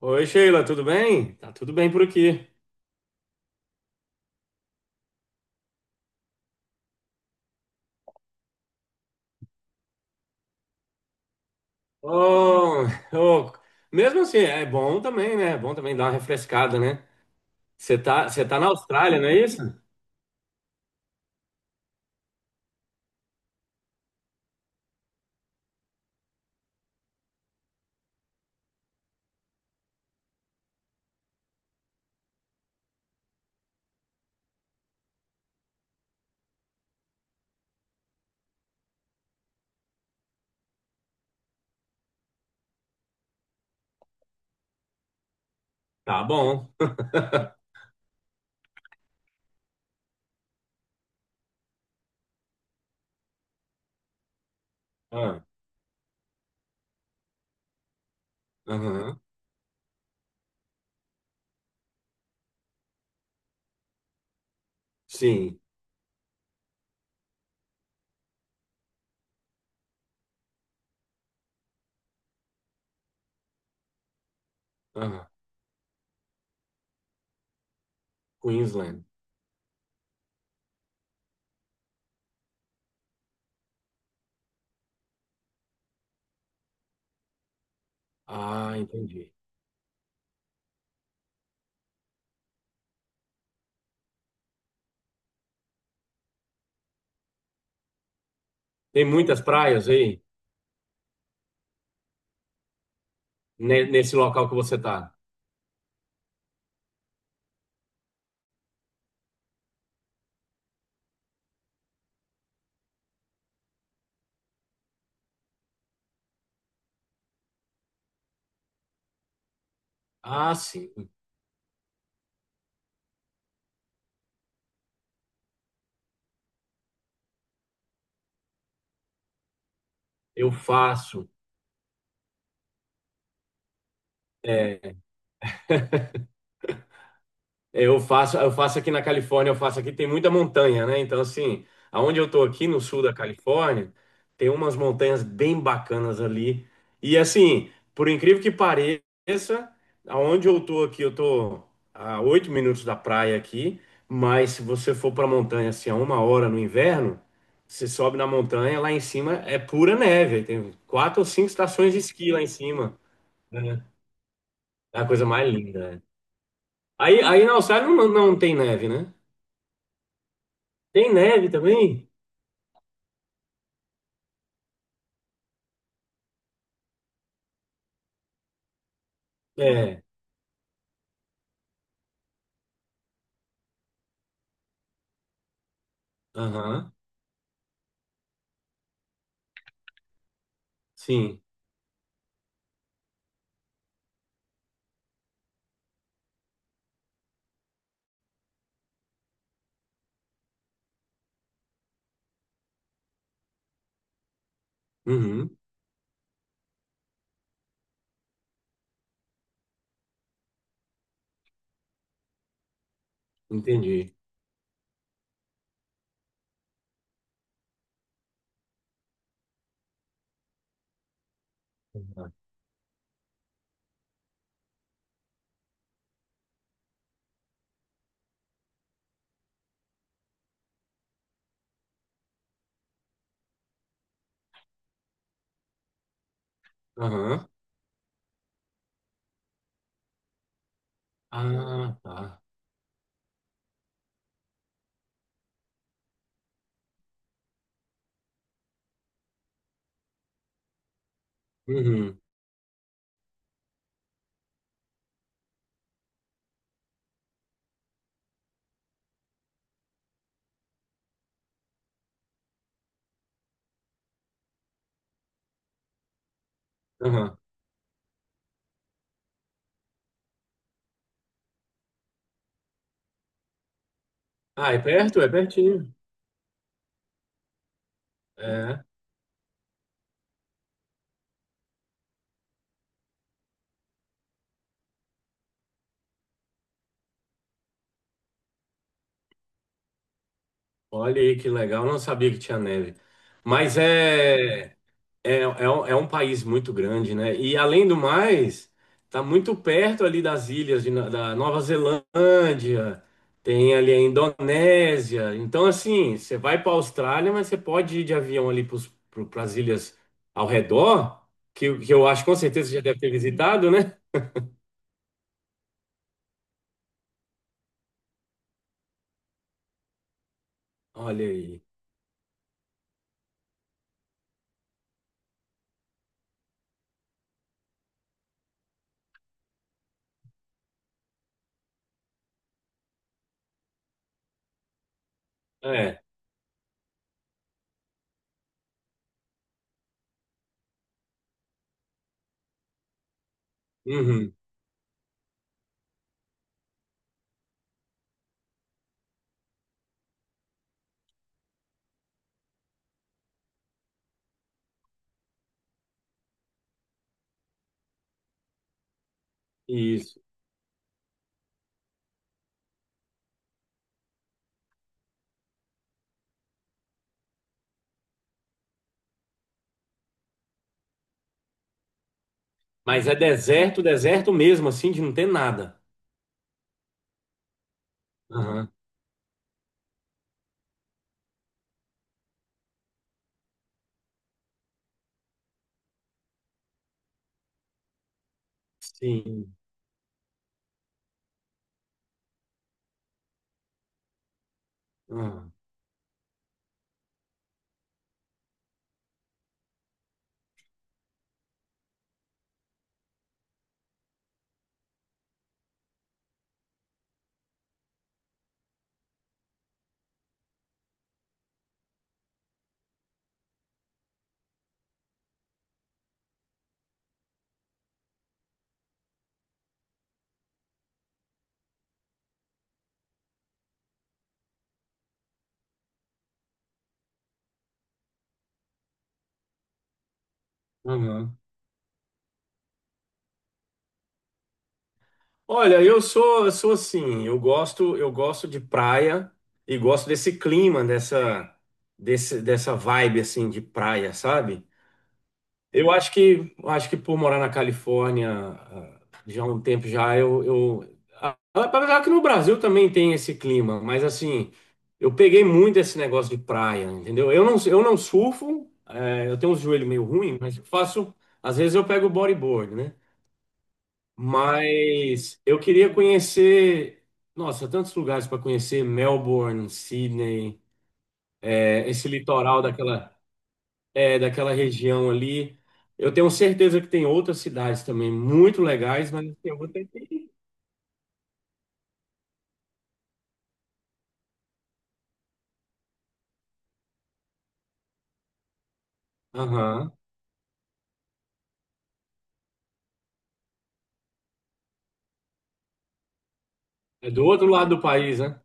Oi, Sheila, tudo bem? Tá tudo bem por aqui. Oh, oh, mesmo assim, é bom também, né? É bom também dar uma refrescada, né? Você tá na Austrália, não é isso? Tá bom. Ah, aham, sim, aham, Queensland. Ah, entendi. Tem muitas praias aí nesse local que você tá. Ah, sim. Eu faço. é, eu faço aqui na Califórnia, eu faço aqui, tem muita montanha, né? Então, assim, aonde eu tô aqui no sul da Califórnia, tem umas montanhas bem bacanas ali. E assim, por incrível que pareça, aonde eu tô aqui, eu tô a 8 minutos da praia aqui, mas se você for pra montanha assim, a 1 hora no inverno, você sobe na montanha, lá em cima é pura neve. Aí Tem 4 ou 5 estações de esqui lá em cima. Né? É a coisa mais linda. Né? Aí na Austrália não tem neve, né? Tem neve também? É. Aham. Sim. Uhum. Entendi. Aham. Aham. Ah, tá. Uhum. Aham. Ah, é perto? É pertinho. É. Olha aí que legal. Não sabia que tinha neve. Mas é. É, é um país muito grande, né? E além do mais, tá muito perto ali das ilhas de da Nova Zelândia, tem ali a Indonésia. Então, assim, você vai para a Austrália, mas você pode ir de avião ali para as ilhas ao redor, que eu acho com certeza você já deve ter visitado, né? Olha aí. É, uhum, isso. Mas é deserto, deserto mesmo, assim, de não ter nada. Aham, sim. Aham, aham. Olha, eu sou assim, eu gosto de praia e gosto desse clima, dessa vibe assim de praia, sabe? Eu acho que por morar na Califórnia, já há um tempo já, apesar que no Brasil também tem esse clima, mas assim, eu peguei muito esse negócio de praia, entendeu? Eu não surfo, eu tenho um joelho meio ruim, mas eu faço, às vezes eu pego bodyboard, né? Mas eu queria conhecer, nossa, tantos lugares para conhecer, Melbourne, Sydney, esse litoral daquela região ali. Eu tenho certeza que tem outras cidades também muito legais, mas tem outra aqui. Aham. É do outro lado do país, né?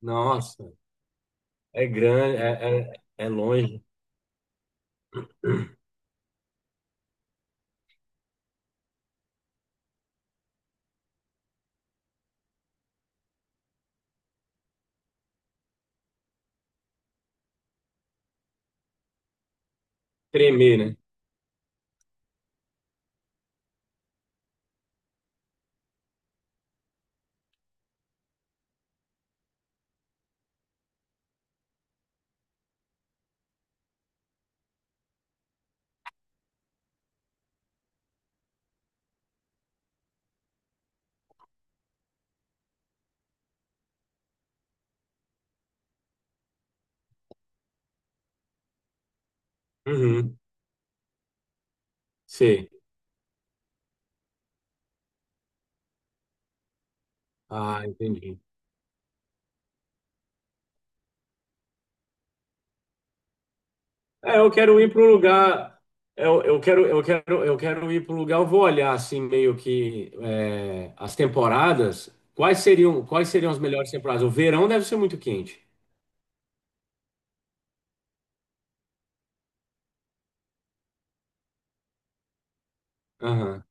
Nossa, é grande, é longe. Tremer, né? Uhum, sei. Ah, entendi. É, eu quero ir para um lugar. Eu quero ir para um lugar. Eu vou olhar assim meio que as temporadas. Quais seriam as melhores temporadas? O verão deve ser muito quente. Aham.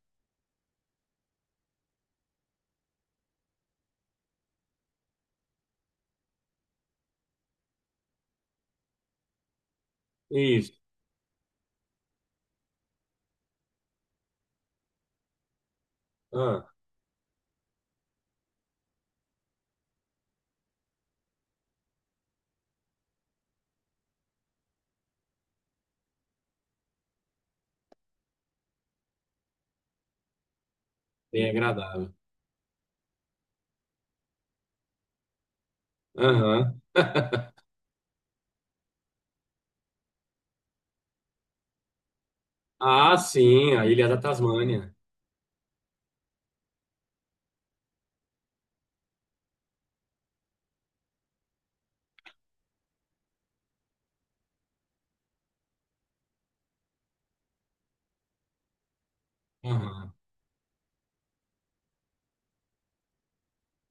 Isso. Ah, bem agradável. Aham. Ah, sim, a Ilha da Tasmânia. Aham.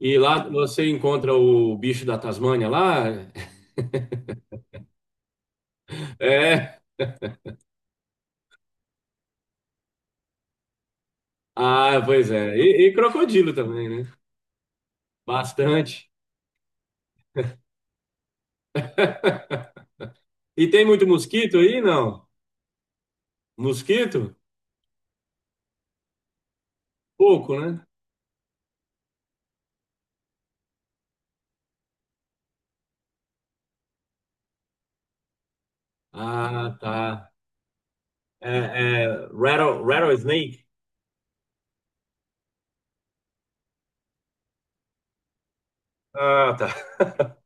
E lá você encontra o bicho da Tasmânia lá? É. Ah, pois é. E, crocodilo também, né? Bastante. E tem muito mosquito aí, não? Mosquito? Pouco, né? Ah, tá. É, é, rattlesnake? Ah, tá.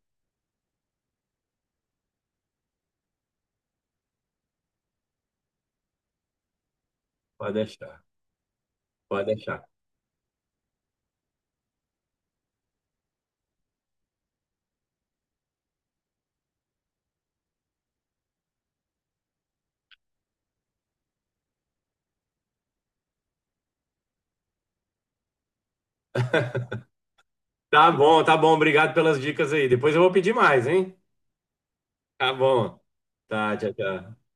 Pode deixar, pode deixar. Tá bom, tá bom. Obrigado pelas dicas aí. Depois eu vou pedir mais, hein? Tá bom. Tá, tchau, tchau.